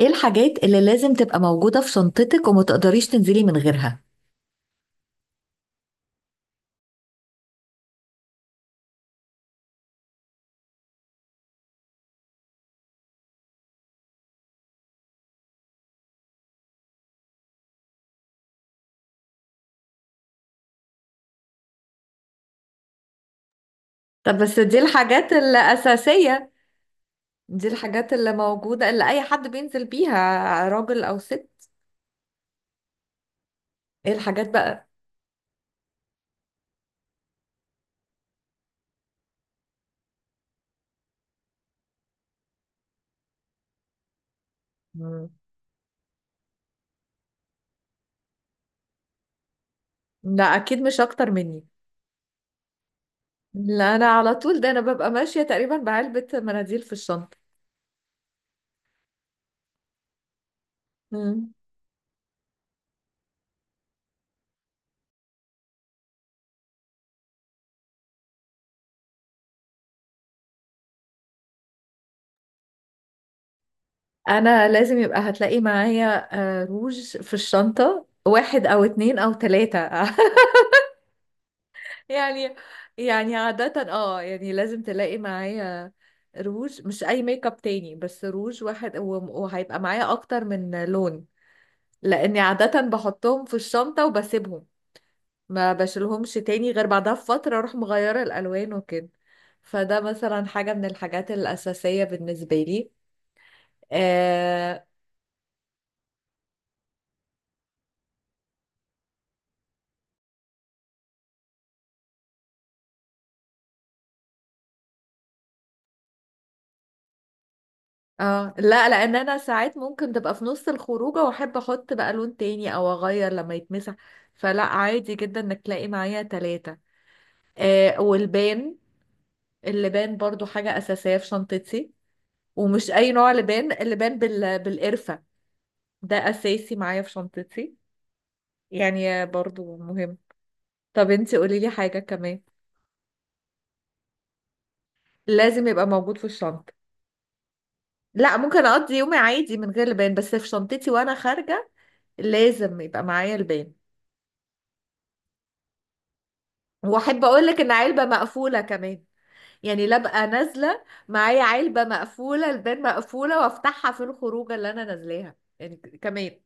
ايه الحاجات اللي لازم تبقى موجودة في شنطتك وما تقدريش تنزلي من غيرها؟ طب بس دي الحاجات الأساسية. دي الحاجات اللي موجودة اللي أي حد بينزل بيها راجل أو ست. ايه الحاجات بقى؟ مم. لا أكيد مش أكتر مني. لا أنا على طول، ده أنا ببقى ماشية تقريبا بعلبة مناديل في الشنطة. مم. أنا لازم يبقى هتلاقي معايا روج في الشنطة، واحد أو اتنين أو تلاتة يعني يعني عادة لازم تلاقي معايا روج، مش اي ميك اب تاني، بس روج واحد وهيبقى معايا اكتر من لون، لاني عادة بحطهم في الشنطة وبسيبهم، ما بشيلهمش تاني غير بعدها بفترة اروح مغيرة الالوان وكده. فده مثلا حاجة من الحاجات الاساسية بالنسبة لي. اه. آه لا، لان انا ساعات ممكن تبقى في نص الخروجة واحب احط بقى لون تاني او اغير لما يتمسح، فلا عادي جدا انك تلاقي معايا تلاتة. آه، والبان اللبان برضو حاجة أساسية في شنطتي، ومش أي نوع لبان، اللبان بالقرفة، ده أساسي معايا في شنطتي، يعني برضو مهم. طب انتي قوليلي حاجة كمان. لازم يبقى موجود في الشنطة. لا، ممكن أقضي يومي عادي من غير لبان، بس في شنطتي وأنا خارجة لازم يبقى معايا لبان. وأحب أقولك إن علبة مقفولة كمان، يعني لا بقى نازلة معايا علبة مقفولة لبان مقفولة وأفتحها في الخروجة اللي أنا نازلاها، يعني كمان.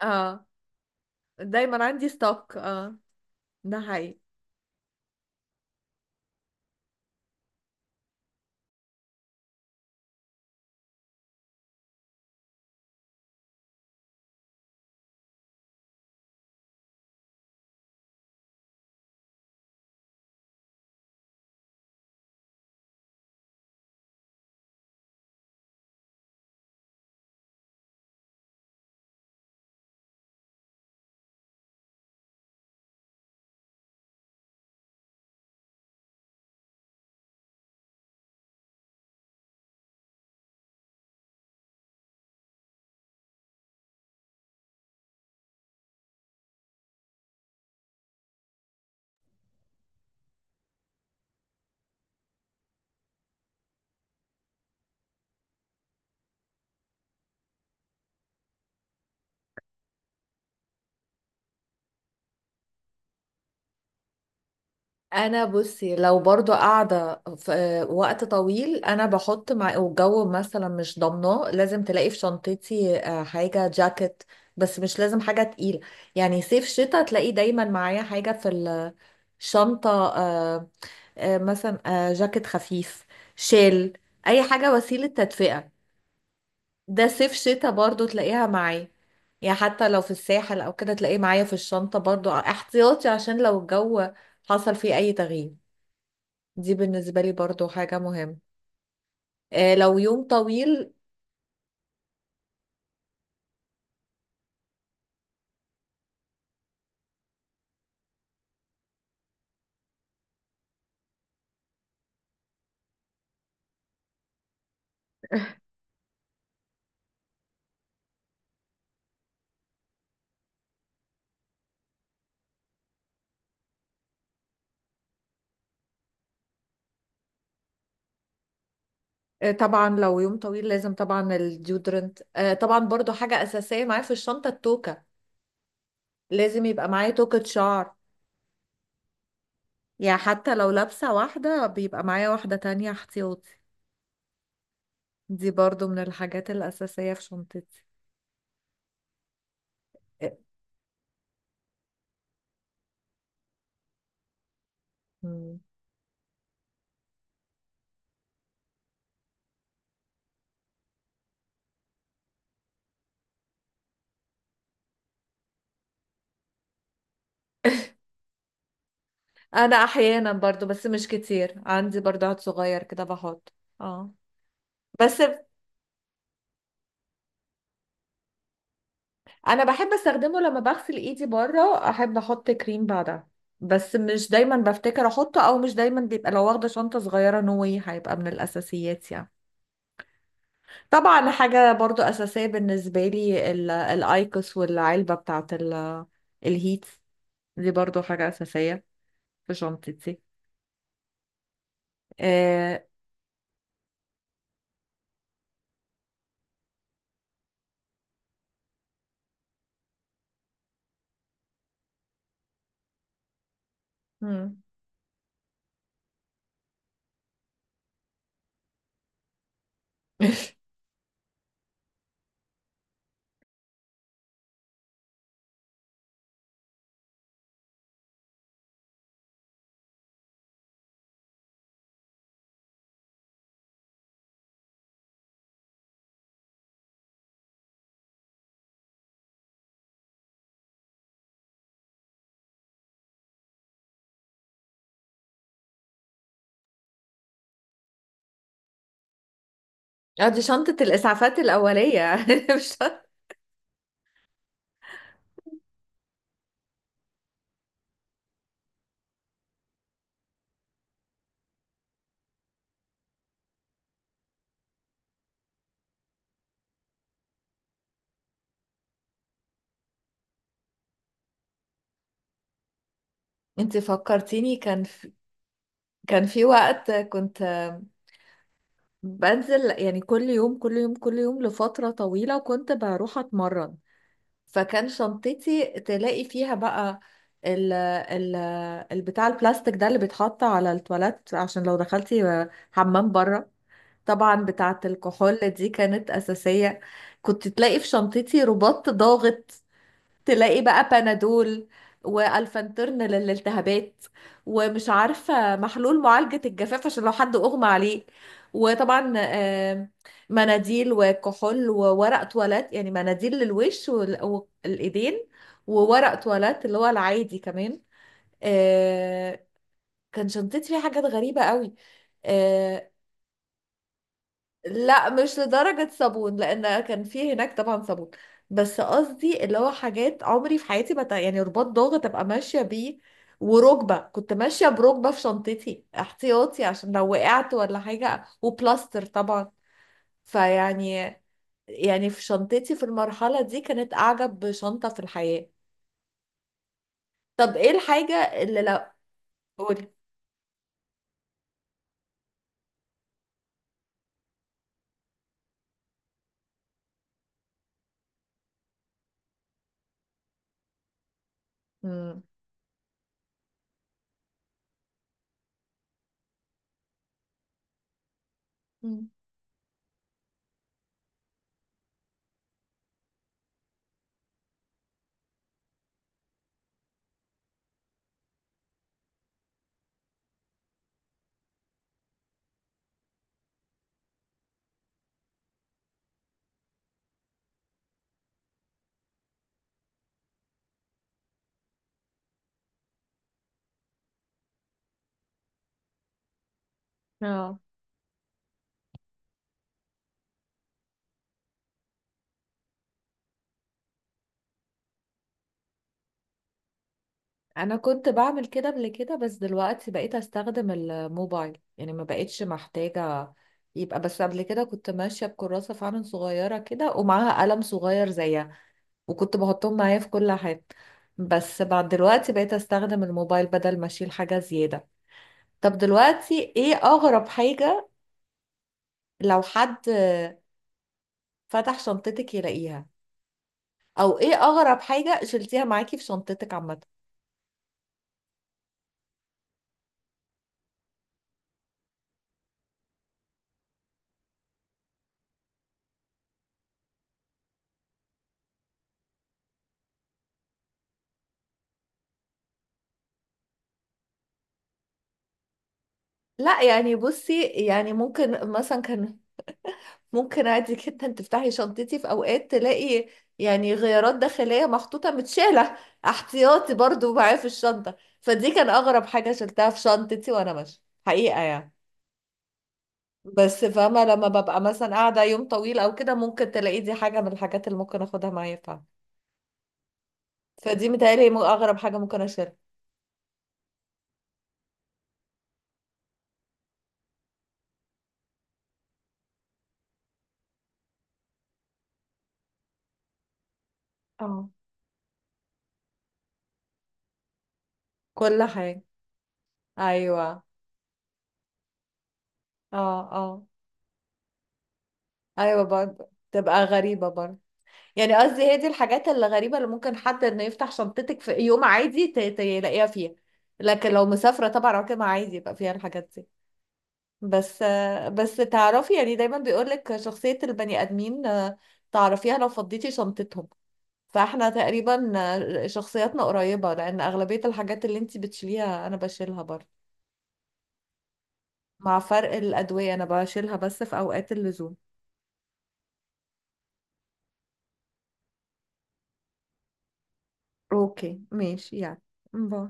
اه، دايما عندي ستوك. اه، ده حقيقي. انا بصي لو برضو قاعده في وقت طويل، انا بحط مع، والجو مثلا مش ضامناه، لازم تلاقي في شنطتي حاجه جاكيت، بس مش لازم حاجه تقيله. يعني صيف شتاء تلاقي دايما معايا حاجه في الشنطه، آه، مثلا جاكيت خفيف، شال، اي حاجه وسيله تدفئه. ده صيف شتاء برضو تلاقيها معايا. يعني حتى لو في الساحل او كده تلاقيه معايا في الشنطة، برضو احتياطي عشان لو الجو حصل فيه اي تغيير. دي بالنسبة لي برضو حاجة مهمة. آه لو يوم طويل. آه طبعا لو يوم طويل لازم طبعا الديودرنت، آه طبعا برضو حاجة اساسية معايا في الشنطة. التوكة لازم يبقى معايا توكة شعر، يعني حتى لو لابسة واحدة بيبقى معايا واحدة تانية احتياطي. دي برضو من الحاجات الأساسية في شنطتي. آه، مم. انا احيانا برضو، بس مش كتير، عندي برضو عاد صغير كده بحط. اه، بس انا بحب استخدمه لما بغسل ايدي بره، احب احط كريم بعدها، بس مش دايما بفتكر احطه، او مش دايما بيبقى لو واخده شنطه صغيره نوي، هيبقى من الاساسيات يعني. طبعا حاجه برضو اساسيه بالنسبه لي الايكوس والعلبه بتاعت الهيت، دي برضو حاجه اساسيه في شنطتي. آه. مم. اه، دي شنطة الإسعافات الأولية مش؟ انت فكرتيني كان في، كان في وقت كنت بنزل يعني كل يوم كل يوم كل يوم لفترة طويلة، وكنت بروح اتمرن، فكان شنطتي تلاقي فيها بقى ال البتاع البلاستيك ده اللي بيتحط على التواليت عشان لو دخلتي حمام بره. طبعا بتاعة الكحول دي كانت أساسية. كنت تلاقي في شنطتي رباط ضاغط، تلاقي بقى بنادول، والفانترن للالتهابات، ومش عارفه محلول معالجه الجفاف عشان لو حد اغمى عليه. وطبعا مناديل وكحول وورق تواليت، يعني مناديل للوش والايدين، وورق تواليت اللي هو العادي كمان. آه، كان شنطتي فيها حاجات غريبه قوي. آه، لا مش لدرجة صابون، لأن كان في هناك طبعا صابون، بس قصدي اللي هو حاجات عمري في حياتي ما ت- يعني رباط ضغط أبقى ماشية بيه، وركبة كنت ماشية بركبة في شنطتي احتياطي عشان لو وقعت ولا حاجة، وبلاستر طبعا. فيعني، يعني في شنطتي في المرحلة دي كانت أعجب شنطة في الحياة. طب إيه الحاجة اللي لو، قولي. مم. مم. اه، انا كنت بعمل كده قبل كده، بس دلوقتي بقيت استخدم الموبايل، يعني ما بقتش محتاجة. يبقى بس قبل كده كنت ماشية بكراسة فعلا صغيرة كده ومعاها قلم صغير زيها، وكنت بحطهم معايا في كل حاجة. بس بعد دلوقتي بقيت استخدم الموبايل بدل ما اشيل حاجة زيادة. طب دلوقتي ايه اغرب حاجة لو حد فتح شنطتك يلاقيها، او ايه اغرب حاجة شلتيها معاكي في شنطتك عامة؟ لا يعني بصي، يعني ممكن مثلا كان، ممكن عادي جدا تفتحي شنطتي في اوقات تلاقي يعني غيارات داخلية محطوطة متشالة احتياطي برضو معايا في الشنطة. فدي كان اغرب حاجة شلتها في شنطتي وانا ماشية، حقيقة يعني. بس فاهمة لما ببقى مثلا قاعدة يوم طويل او كده ممكن تلاقي دي حاجة من الحاجات اللي ممكن اخدها معايا فعلا. فدي متهيألي اغرب حاجة ممكن اشيلها. اه، كل حاجة، ايوه. اه اه. ايوه برضه تبقى غريبة برضه، يعني قصدي هي دي الحاجات اللي غريبة اللي ممكن حد انه يفتح شنطتك في يوم عادي يلاقيها فيها. لكن لو مسافرة طبعا عمرها عادي يبقى فيها الحاجات دي. بس. بس تعرفي، يعني دايما بيقولك شخصية البني آدمين تعرفيها لو فضيتي شنطتهم. فاحنا تقريبا شخصياتنا قريبة، لأن أغلبية الحاجات اللي انتي بتشيليها أنا بشيلها برضه، مع فرق الأدوية أنا بشيلها بس في أوقات اللزوم. اوكي ماشي يعني. باي.